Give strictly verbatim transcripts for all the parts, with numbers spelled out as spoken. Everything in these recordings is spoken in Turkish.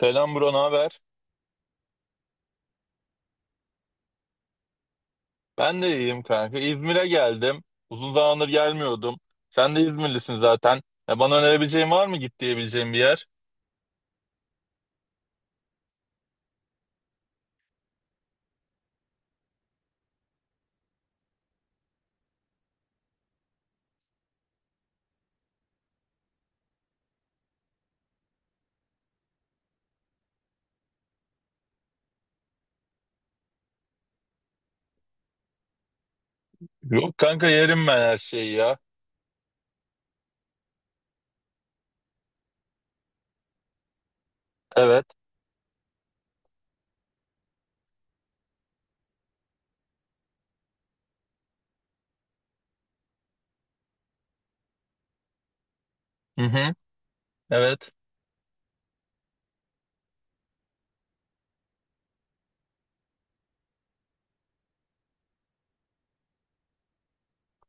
Selam bro, ne haber? Ben de iyiyim kanka. İzmir'e geldim. Uzun zamandır gelmiyordum. Sen de İzmirlisin zaten. Ya bana önerebileceğin var mı git diyebileceğim bir yer? Yok kanka yerim ben her şeyi ya. Evet. Hı hı. Evet.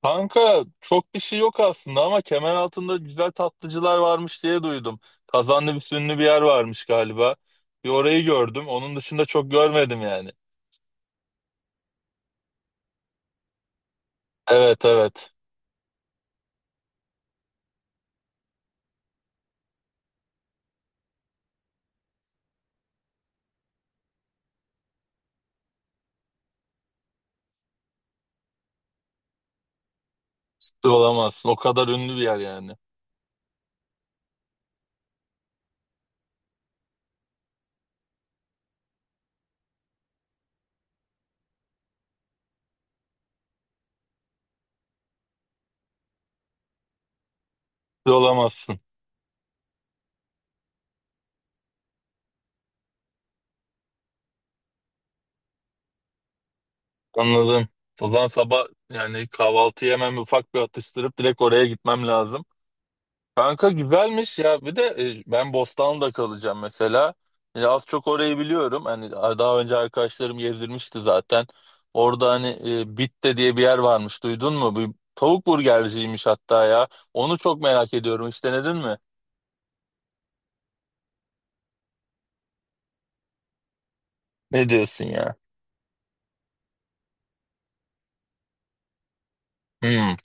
Kanka çok bir şey yok aslında ama kemer altında güzel tatlıcılar varmış diye duydum. Kazanlı bir sünlü bir yer varmış galiba. Bir orayı gördüm. Onun dışında çok görmedim yani. Evet evet. Ciddi olamazsın. O kadar ünlü bir yer yani. Ciddi olamazsın. Anladım. O zaman sabah yani kahvaltı yemem ufak bir atıştırıp direkt oraya gitmem lazım. Kanka güzelmiş ya. Bir de e, ben Bostanlı'da kalacağım mesela. Ya az çok orayı biliyorum. Hani daha önce arkadaşlarım gezdirmişti zaten. Orada hani e, Bitte diye bir yer varmış. Duydun mu? Bir tavuk burgerciymiş hatta ya. Onu çok merak ediyorum. Hiç denedin mi? Ne diyorsun ya? Hmm,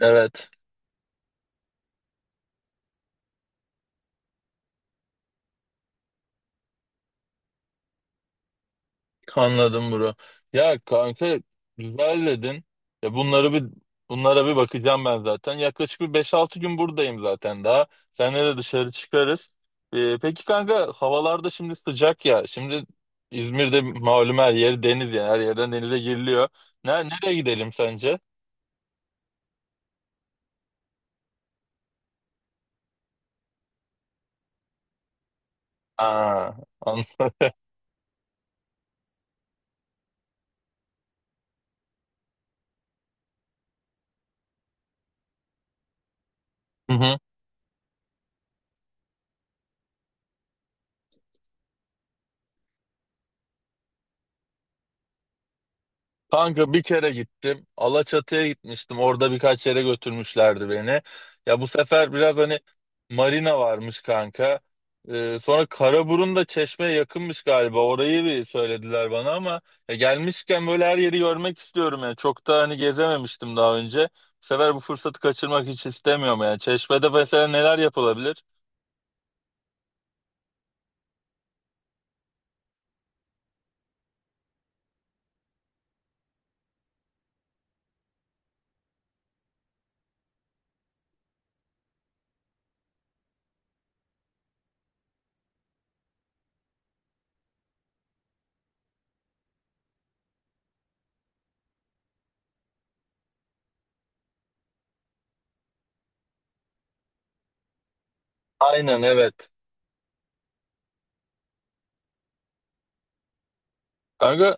evet. Anladım bro. Ya kanka güzel dedin. Ya bunları bir bunlara bir bakacağım ben zaten. Yaklaşık bir beş altı gün buradayım zaten daha. Seninle de dışarı çıkarız. Ee, peki kanka havalarda şimdi sıcak ya. Şimdi İzmir'de malum her yer deniz yani her yerden denize giriliyor. Ne, nereye gidelim sence? Aa, an- Hı hı. Kanka bir kere gittim. Alaçatı'ya gitmiştim. Orada birkaç yere götürmüşlerdi beni. Ya bu sefer biraz hani marina varmış kanka. Ee, sonra Karaburun da Çeşme'ye yakınmış galiba. Orayı bir söylediler bana ama ya gelmişken böyle her yeri görmek istiyorum yani. Çok da hani gezememiştim daha önce. Bu sefer bu fırsatı kaçırmak hiç istemiyorum yani. Çeşme'de mesela neler yapılabilir? Aynen evet. Kanka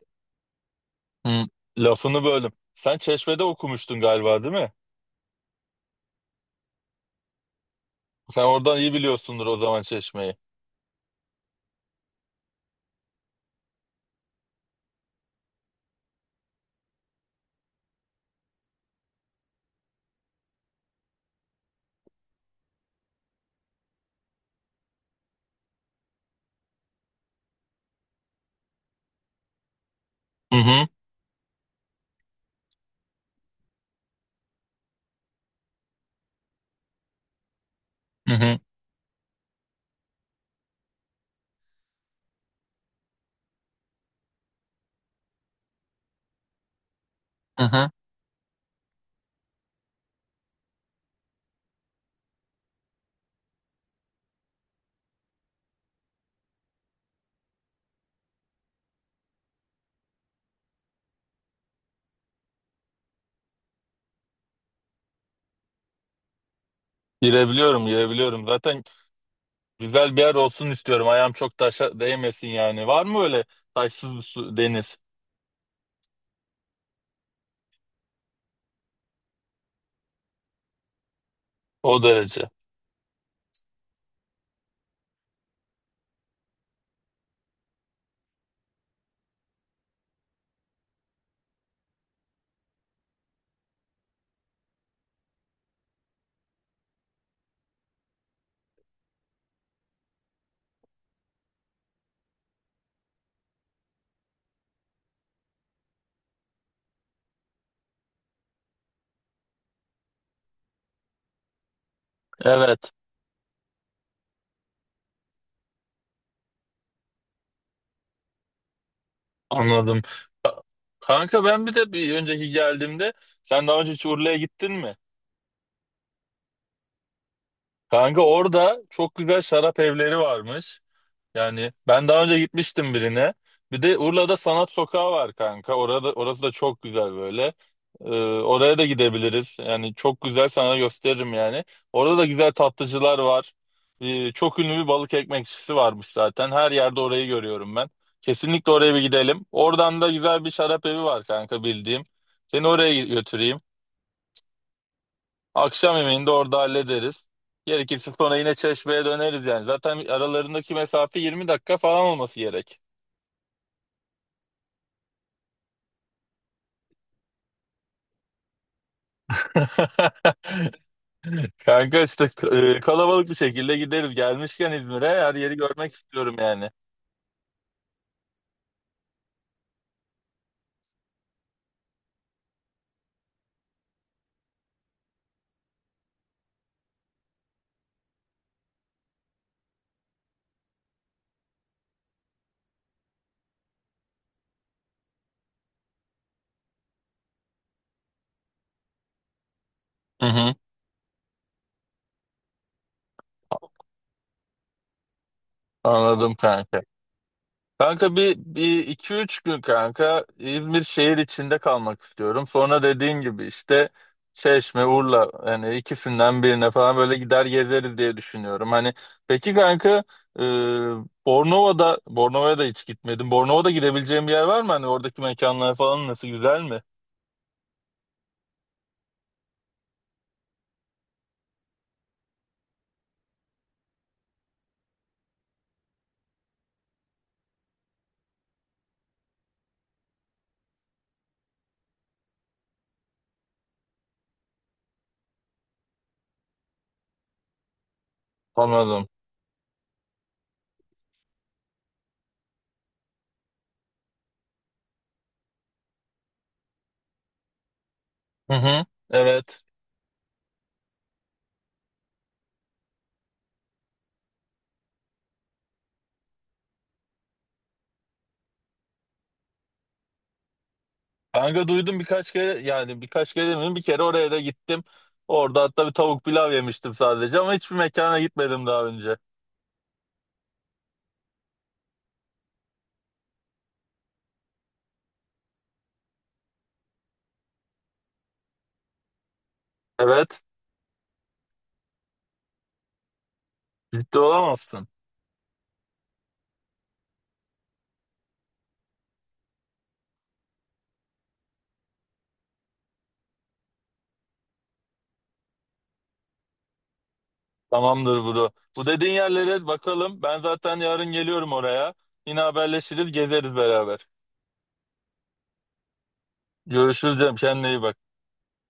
hı, lafını böldüm. Sen Çeşme'de okumuştun galiba değil mi? Sen oradan iyi biliyorsundur o zaman Çeşme'yi. Hı hı, hı hı, hı hı. Girebiliyorum, girebiliyorum. Zaten güzel bir yer olsun istiyorum. Ayağım çok taşa değmesin yani. Var mı öyle taşsız bir su, deniz? O derece. Evet, anladım. Ka- Kanka ben bir de bir önceki geldiğimde sen daha önce hiç Urla'ya gittin mi? Kanka orada çok güzel şarap evleri varmış. Yani ben daha önce gitmiştim birine. Bir de Urla'da Sanat Sokağı var kanka. Orada orası da çok güzel böyle. Ee, oraya da gidebiliriz. Yani çok güzel sana gösteririm yani. Orada da güzel tatlıcılar var. Ee, çok ünlü bir balık ekmekçisi varmış zaten. Her yerde orayı görüyorum ben. Kesinlikle oraya bir gidelim. Oradan da güzel bir şarap evi var kanka bildiğim. Seni oraya götüreyim. Akşam yemeğini de orada hallederiz. Gerekirse sonra yine Çeşme'ye döneriz yani. Zaten aralarındaki mesafe yirmi dakika falan olması gerek. Kanka işte e, kalabalık bir şekilde gideriz. Gelmişken İzmir'e her yeri görmek istiyorum yani. Hı hı. Anladım kanka. Kanka bir, bir iki üç gün kanka İzmir şehir içinde kalmak istiyorum. Sonra dediğin gibi işte Çeşme, Urla hani ikisinden birine falan böyle gider gezeriz diye düşünüyorum. Hani peki kanka e, Bornova'da Bornova'ya da hiç gitmedim. Bornova'da gidebileceğim bir yer var mı? Hani oradaki mekanlar falan nasıl güzel mi? Anladım. Hı hı. Evet. Kanka duydum birkaç kere yani birkaç kere demedim bir kere oraya da gittim. Orada hatta bir tavuk pilav yemiştim sadece ama hiçbir mekana gitmedim daha önce. Evet ciddi olamazsın. Tamamdır bro. Bu dediğin yerlere bakalım. Ben zaten yarın geliyorum oraya. Yine haberleşiriz gezeriz beraber. Görüşürüz canım kendine iyi bak.